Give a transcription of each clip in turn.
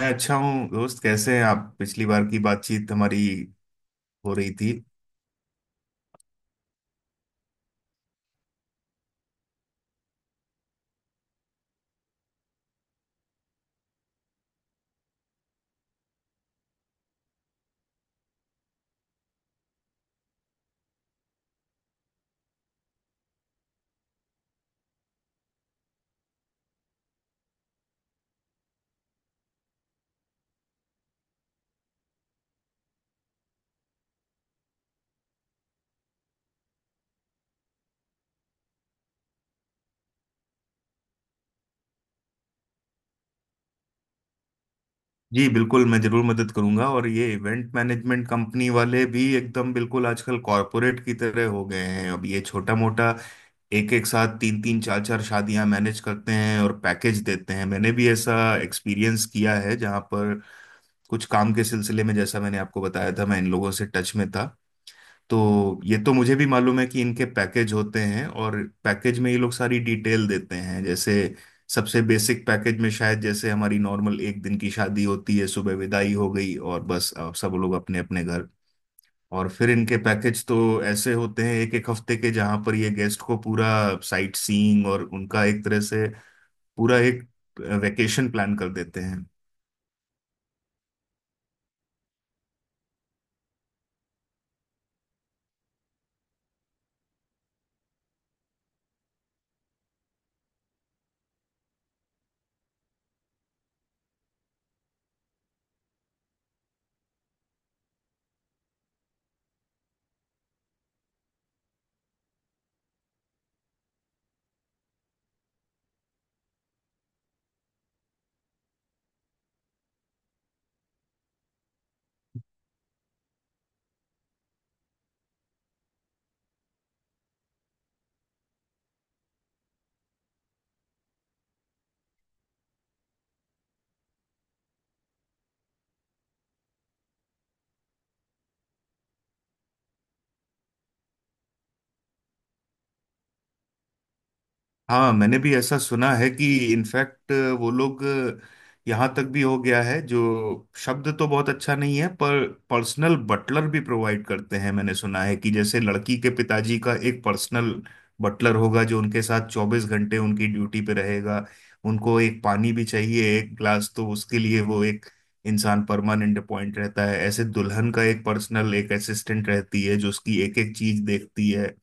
मैं अच्छा हूँ, दोस्त। कैसे हैं आप? पिछली बार की बातचीत हमारी हो रही थी। जी बिल्कुल, मैं जरूर मदद करूंगा। और ये इवेंट मैनेजमेंट कंपनी वाले भी एकदम बिल्कुल आजकल कॉरपोरेट की तरह हो गए हैं। अब ये छोटा मोटा, एक एक साथ तीन तीन चार चार शादियां मैनेज करते हैं और पैकेज देते हैं। मैंने भी ऐसा एक्सपीरियंस किया है, जहाँ पर कुछ काम के सिलसिले में, जैसा मैंने आपको बताया था, मैं इन लोगों से टच में था। तो ये तो मुझे भी मालूम है कि इनके पैकेज होते हैं, और पैकेज में ये लोग सारी डिटेल देते हैं। जैसे सबसे बेसिक पैकेज में शायद, जैसे हमारी नॉर्मल एक दिन की शादी होती है, सुबह विदाई हो गई और बस अब सब लोग अपने अपने घर। और फिर इनके पैकेज तो ऐसे होते हैं एक एक हफ्ते के, जहां पर ये गेस्ट को पूरा साइट सीइंग और उनका एक तरह से पूरा एक वेकेशन प्लान कर देते हैं। हाँ, मैंने भी ऐसा सुना है कि इनफैक्ट वो लोग, यहाँ तक भी हो गया है, जो शब्द तो बहुत अच्छा नहीं है पर पर्सनल बटलर भी प्रोवाइड करते हैं। मैंने सुना है कि जैसे लड़की के पिताजी का एक पर्सनल बटलर होगा, जो उनके साथ 24 घंटे उनकी ड्यूटी पे रहेगा। उनको एक पानी भी चाहिए एक ग्लास, तो उसके लिए वो एक इंसान परमानेंट अपॉइंट रहता है। ऐसे दुल्हन का एक पर्सनल, एक असिस्टेंट रहती है जो उसकी एक एक चीज देखती है,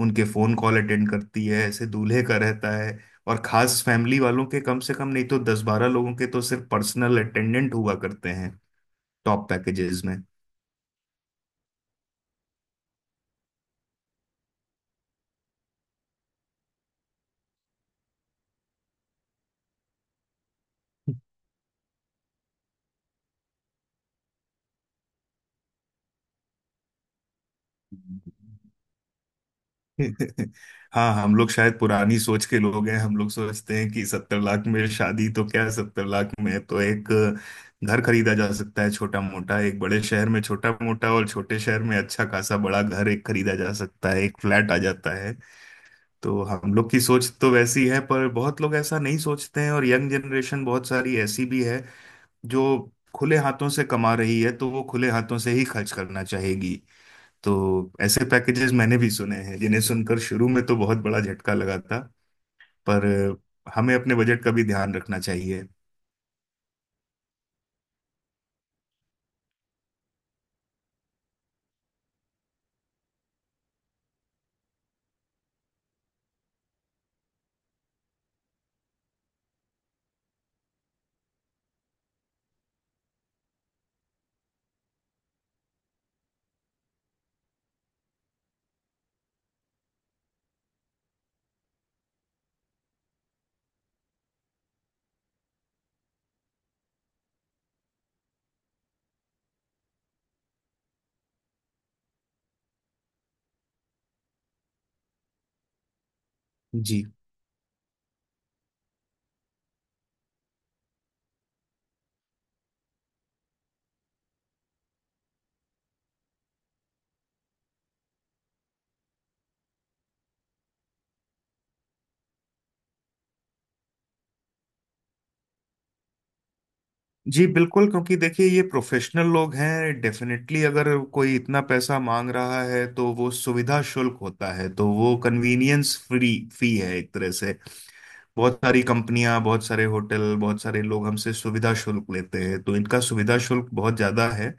उनके फोन कॉल अटेंड करती है। ऐसे दूल्हे का रहता है। और खास फैमिली वालों के, कम से कम नहीं तो 10-12 लोगों के तो सिर्फ पर्सनल अटेंडेंट हुआ करते हैं टॉप पैकेजेस में। हाँ, हम लोग शायद पुरानी सोच के लोग हैं। हम लोग सोचते हैं कि 70 लाख में शादी तो क्या, 70 लाख में तो एक घर खरीदा जा सकता है, छोटा मोटा। एक बड़े शहर में छोटा मोटा और छोटे शहर में अच्छा खासा बड़ा घर एक खरीदा जा सकता है, एक फ्लैट आ जाता। तो हम लोग की सोच तो वैसी है, पर बहुत लोग ऐसा नहीं सोचते हैं। और यंग जनरेशन बहुत सारी ऐसी भी है जो खुले हाथों से कमा रही है, तो वो खुले हाथों से ही खर्च करना चाहेगी। तो ऐसे पैकेजेस मैंने भी सुने हैं जिन्हें सुनकर शुरू में तो बहुत बड़ा झटका लगा था। पर हमें अपने बजट का भी ध्यान रखना चाहिए। जी, जी बिल्कुल। क्योंकि देखिए, ये प्रोफेशनल लोग हैं, डेफिनेटली। अगर कोई इतना पैसा मांग रहा है तो वो सुविधा शुल्क होता है। तो वो कन्वीनियंस फ्री फी है एक तरह से। बहुत सारी कंपनियां, बहुत सारे होटल, बहुत सारे लोग हमसे सुविधा शुल्क लेते हैं, तो इनका सुविधा शुल्क बहुत ज्यादा है।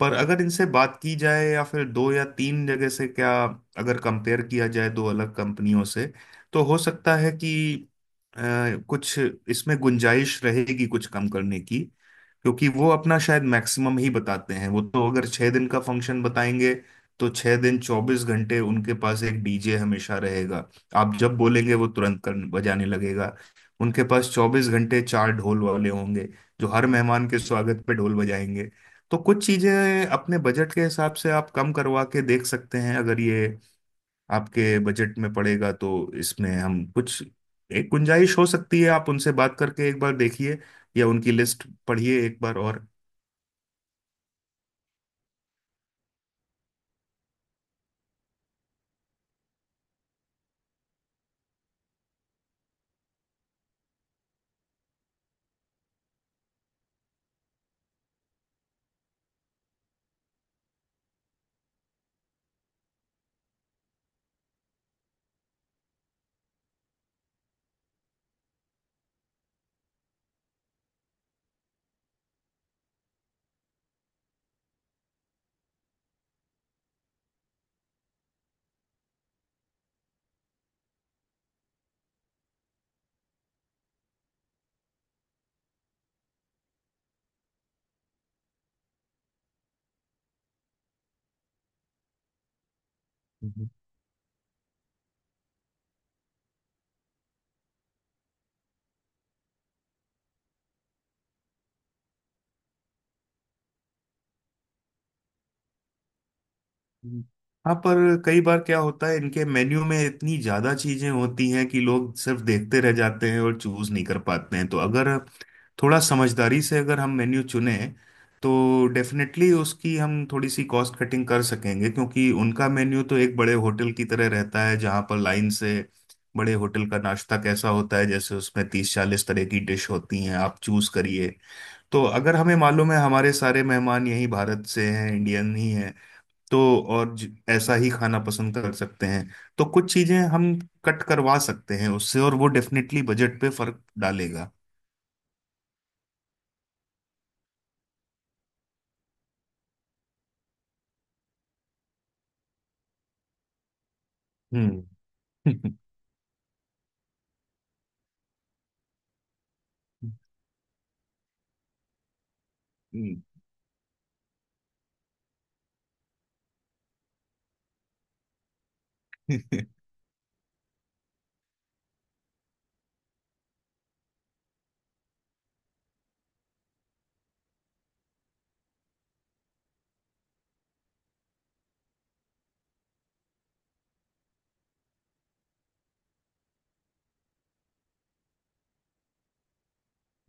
पर अगर इनसे बात की जाए या फिर दो या तीन जगह से क्या, अगर कंपेयर किया जाए दो अलग कंपनियों से, तो हो सकता है कि अ, कुछ इसमें गुंजाइश रहेगी कुछ कम करने की। क्योंकि वो अपना शायद मैक्सिमम ही बताते हैं। वो तो अगर 6 दिन का फंक्शन बताएंगे तो 6 दिन 24 घंटे उनके पास एक डीजे हमेशा रहेगा। आप जब बोलेंगे वो तुरंत कर बजाने लगेगा। उनके पास 24 घंटे चार ढोल वाले होंगे जो हर मेहमान के स्वागत पे ढोल बजाएंगे। तो कुछ चीजें अपने बजट के हिसाब से आप कम करवा के देख सकते हैं। अगर ये आपके बजट में पड़ेगा तो इसमें हम कुछ एक गुंजाइश हो सकती है। आप उनसे बात करके एक बार देखिए, या उनकी लिस्ट पढ़िए एक बार और। हम्म। हाँ, पर कई बार क्या होता है, इनके मेन्यू में इतनी ज्यादा चीजें होती हैं कि लोग सिर्फ देखते रह जाते हैं और चूज नहीं कर पाते हैं। तो अगर थोड़ा समझदारी से अगर हम मेन्यू चुने, तो डेफिनेटली उसकी हम थोड़ी सी कॉस्ट कटिंग कर सकेंगे। क्योंकि उनका मेन्यू तो एक बड़े होटल की तरह रहता है, जहाँ पर लाइन से, बड़े होटल का नाश्ता कैसा होता है जैसे, उसमें 30-40 तरह की डिश होती हैं, आप चूज करिए। तो अगर हमें मालूम है हमारे सारे मेहमान यही भारत से हैं, इंडियन ही हैं, तो और ऐसा ही खाना पसंद कर सकते हैं। तो कुछ चीजें हम कट करवा सकते हैं उससे, और वो डेफिनेटली बजट पे फर्क डालेगा। हम्म। हम्म।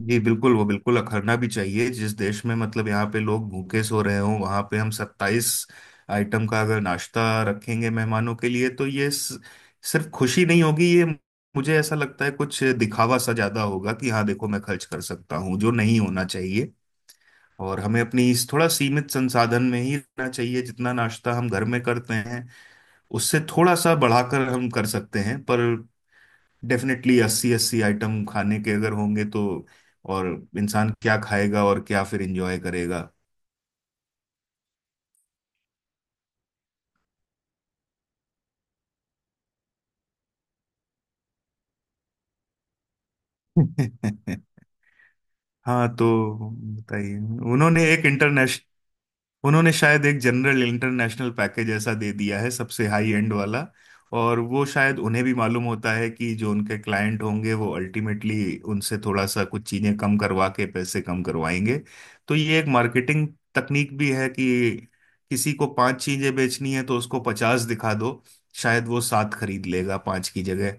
जी बिल्कुल, वो बिल्कुल अखरना भी चाहिए। जिस देश में मतलब यहाँ पे लोग भूखे सो रहे हों, वहां पे हम 27 आइटम का अगर नाश्ता रखेंगे मेहमानों के लिए, तो ये सिर्फ खुशी नहीं होगी ये, मुझे ऐसा लगता है कुछ दिखावा सा ज्यादा होगा, कि हाँ देखो मैं खर्च कर सकता हूँ, जो नहीं होना चाहिए। और हमें अपनी इस थोड़ा सीमित संसाधन में ही रहना चाहिए। जितना नाश्ता हम घर में करते हैं उससे थोड़ा सा बढ़ाकर हम कर सकते हैं, पर डेफिनेटली अस्सी अस्सी आइटम खाने के अगर होंगे तो और इंसान क्या खाएगा और क्या फिर एंजॉय करेगा? हाँ, तो बताइए। उन्होंने एक इंटरनेशनल उन्होंने शायद एक जनरल इंटरनेशनल पैकेज ऐसा दे दिया है, सबसे हाई एंड वाला। और वो शायद उन्हें भी मालूम होता है कि जो उनके क्लाइंट होंगे वो अल्टीमेटली उनसे थोड़ा सा कुछ चीजें कम करवा के पैसे कम करवाएंगे। तो ये एक मार्केटिंग तकनीक भी है कि किसी को पांच चीजें बेचनी है तो उसको 50 दिखा दो, शायद वो सात खरीद लेगा पांच की जगह।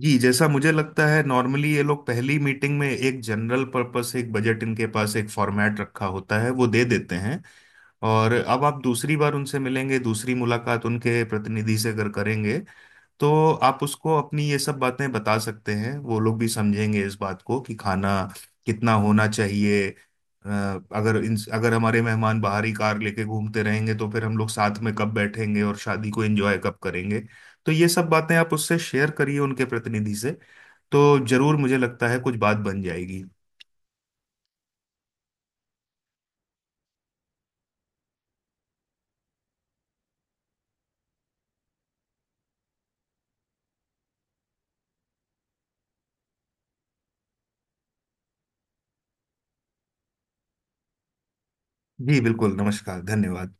जी, जैसा मुझे लगता है नॉर्मली ये लोग पहली मीटिंग में एक जनरल पर्पस, एक बजट, इनके पास एक फॉर्मेट रखा होता है वो दे देते हैं। और अब आप दूसरी बार उनसे मिलेंगे, दूसरी मुलाकात उनके प्रतिनिधि से अगर करेंगे, तो आप उसको अपनी ये सब बातें बता सकते हैं। वो लोग भी समझेंगे इस बात को कि खाना कितना होना चाहिए, अगर हमारे मेहमान बाहरी कार लेके घूमते रहेंगे तो फिर हम लोग साथ में कब बैठेंगे और शादी को एंजॉय कब करेंगे। तो ये सब बातें आप उससे शेयर करिए उनके प्रतिनिधि से, तो जरूर मुझे लगता है कुछ बात बन जाएगी। जी बिल्कुल। नमस्कार, धन्यवाद।